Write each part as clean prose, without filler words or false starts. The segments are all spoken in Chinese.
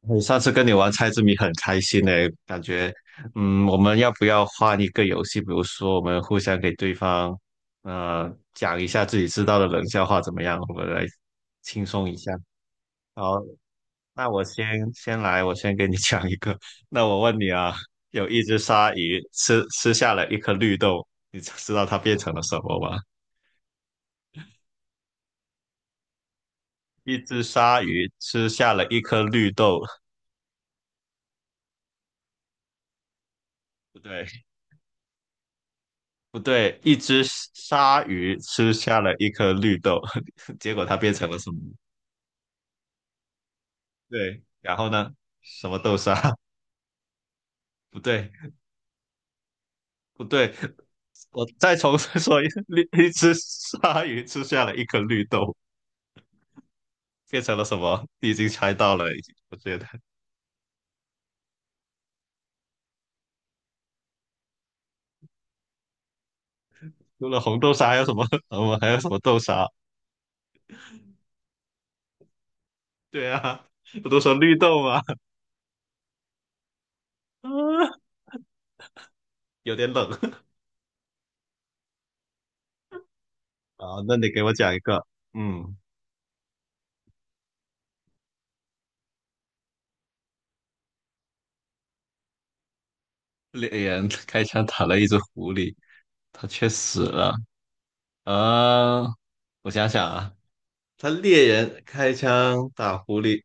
我上次跟你玩猜字谜很开心呢，感觉，我们要不要换一个游戏？比如说，我们互相给对方，讲一下自己知道的冷笑话，怎么样？我们来轻松一下。好，那我先来，我先给你 讲一个。那我问你啊，有一只鲨鱼吃下了一颗绿豆，你知道它变成了什么吗？一只鲨鱼吃下了一颗绿豆，不对，不对，一只鲨鱼吃下了一颗绿豆，结果它变成了什么？对，然后呢？什么豆沙？不对，不对，我再重新说一次，绿一只鲨鱼吃下了一颗绿豆，变成了什么？你已经猜到了，已经我觉得除了红豆沙还有什么？我们还有什么豆沙？对啊，不都说绿豆吗？啊，有点冷。 啊。那你给我讲一个，嗯，猎人开枪打了一只狐狸，它却死了。呃，我想想啊，他猎人开枪打狐狸，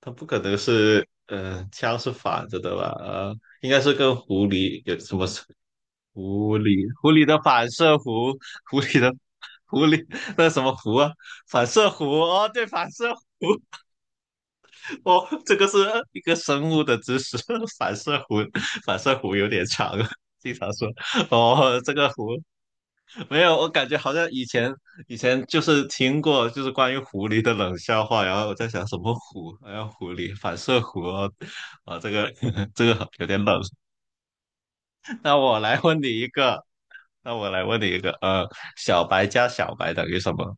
他不可能是，枪是反着的吧？应该是跟狐狸有什么是狐狸？狐狸的反射弧，狐狸的狐狸,那什么弧啊？反射弧哦，对，反射弧哦，这个是一个生物的知识，反射弧，反射弧有点长啊，经常说哦，这个弧。没有，我感觉好像以前就是听过，就是关于狐狸的冷笑话，然后我在想什么狐，好像狐狸反射弧哦，啊，这个 这个有点冷。那我来问你一个，那我来问你一个，小白加小白等于什么？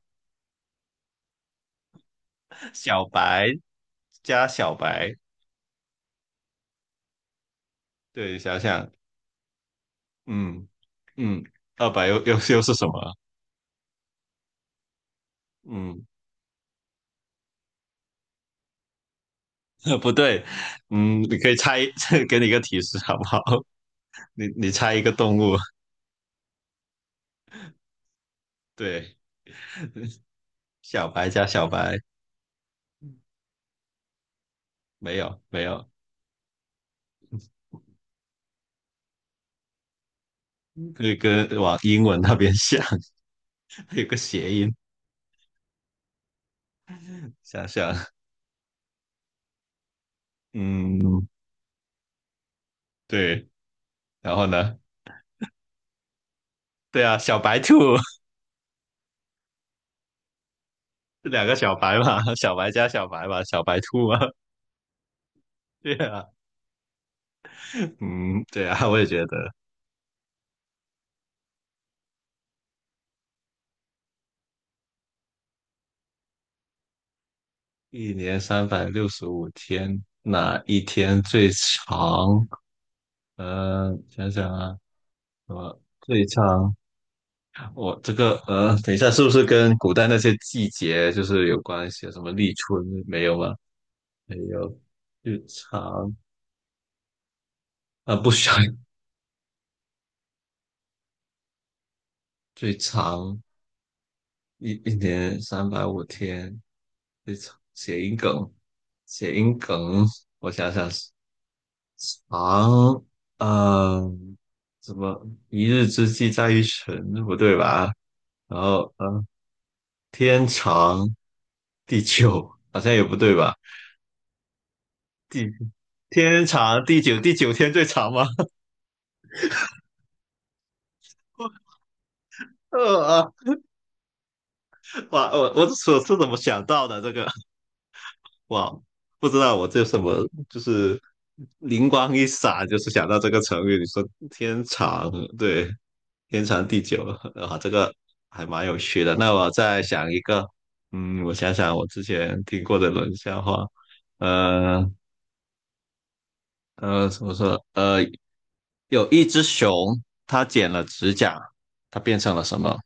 小白加小白，对，想想，嗯嗯，二白又是什么？嗯，不对，嗯，你可以猜，给你一个提示好不好？你猜一个动物，对。小白加小白，没有，可以跟往英文那边想，有个谐音，想想，嗯，对，然后呢？对啊，小白兔，两个小白嘛，小白加小白嘛，小白兔嘛，对啊，嗯，对啊，我也觉得，一年三百六十五天，哪一天最长？想想啊，什么最长？我这个等一下，是不是跟古代那些季节就是有关系啊什么立春？没有吗？还有最长啊，不需要最长。一年三百五天，最长谐音梗，谐音梗，我想想，长，嗯，怎么一日之计在于晨，不对吧？然后天长地久，好像也不对吧？地天长地久，第九天最长吗？呃啊，哇，我是怎么想到的这个？哇，不知道我这什么，就是灵光一闪，就是想到这个成语。你说天长，对，天长地久啊，这个还蛮有趣的。那我再想一个，嗯，我想想我之前听过的冷笑话，呃怎么说？有一只熊，它剪了指甲，它变成了什么？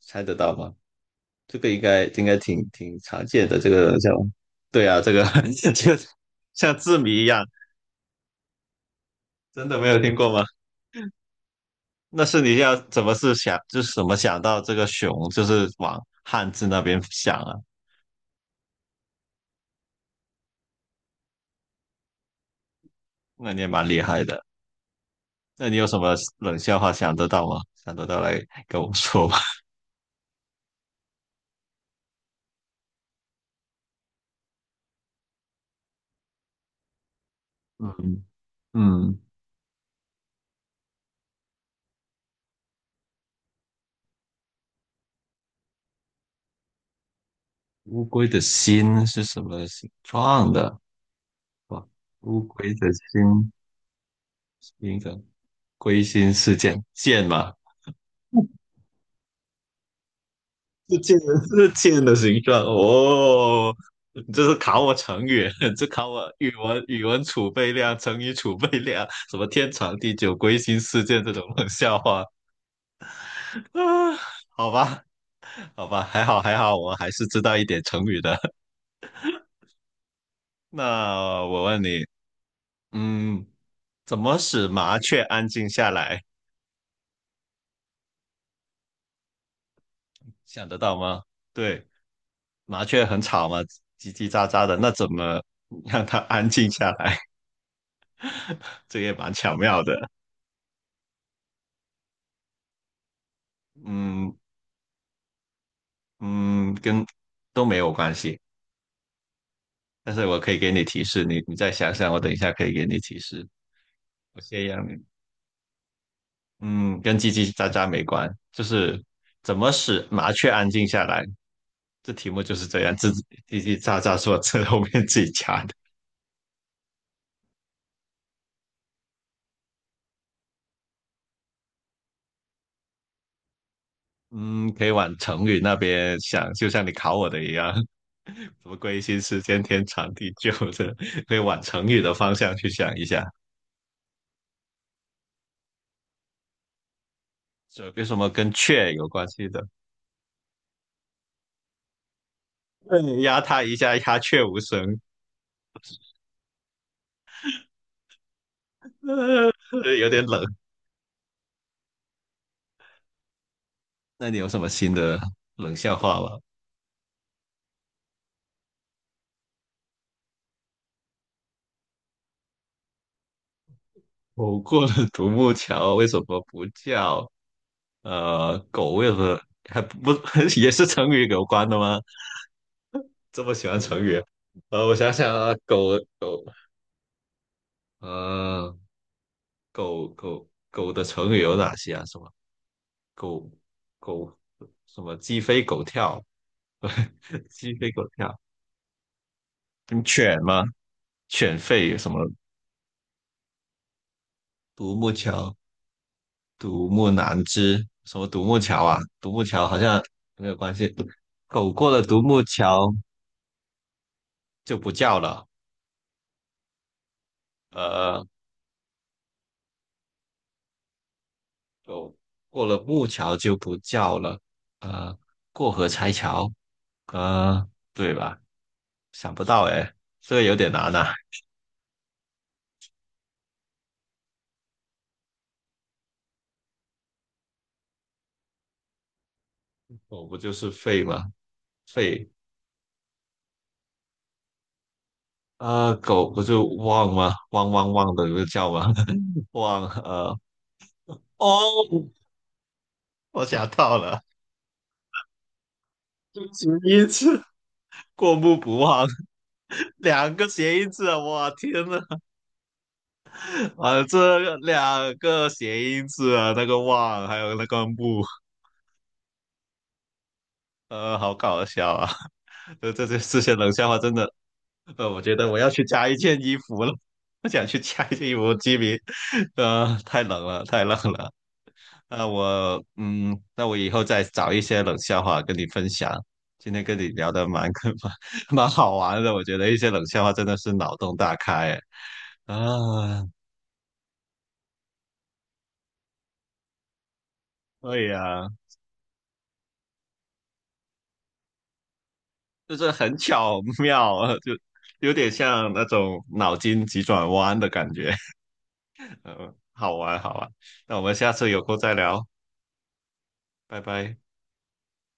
猜得到吗？这个应该挺常见的这个叫，对啊，这个 就像字谜一样，真的没有听过吗？那是你要怎么是想，就是怎么想到这个熊，就是往汉字那边想啊？那你也蛮厉害的。那你有什么冷笑话想得到吗？想得到来跟我说吧。嗯嗯，乌龟的心是什么形状的？哇，乌龟的心，一个龟心事件，剑嘛，是贱人，是贱的形状哦。你这是考我成语，这考我语文储备量、成语储备量，什么天长地久、归心似箭这种冷笑话啊？好吧，好吧，还好还好，我还是知道一点成语的。那我问你，嗯，怎么使麻雀安静下来？想得到吗？对，麻雀很吵嘛，叽叽喳喳的，那怎么让它安静下来？这也蛮巧妙的。嗯，嗯，跟都没有关系，但是我可以给你提示，你再想想，我等一下可以给你提示。我先让你，嗯，跟叽叽喳喳没关，就是怎么使麻雀安静下来，这题目就是这样，自己叽叽喳喳说这后面自己加的。嗯，可以往成语那边想，就像你考我的一样，什么归心似箭、天长地久的，可以往成语的方向去想一下。这有什么跟雀有关系的？对，压它一下，鸦雀无声。有点冷。那你有什么新的冷笑话吗？狗过了独木桥为什么不叫？狗为什么还不 也是成语有关的吗？这么喜欢成语？我想想啊，狗狗，呃，狗的成语有哪些啊？什么狗狗什么鸡飞狗跳？鸡飞狗跳，嗯，犬吗？犬吠什么？独木桥独木难支，什么独木桥啊？独木桥好像没有关系。狗过了独木桥就不叫了，呃，狗过了木桥就不叫了，呃，过河拆桥，呃，对吧？想不到哎，这个有点难呐、狗不就是吠吗？吠，啊，狗不就汪吗？汪汪汪的就叫吗？汪，哦，我想到了，只一次。过目不忘，两个谐音字啊！哇，天呐，啊，这两个谐音字啊，那个忘还有那个目，好搞笑啊！这这些冷笑话真的，我觉得我要去加一件衣服了，我想去加一件衣服，基米，太冷了，太冷了。那我，嗯，那我以后再找一些冷笑话跟你分享。今天跟你聊的蛮 蛮好玩的，我觉得一些冷笑话真的是脑洞大开哎啊。啊对呀、就是很巧妙，就有点像那种脑筋急转弯的感觉，好玩好玩。那我们下次有空再聊，拜拜。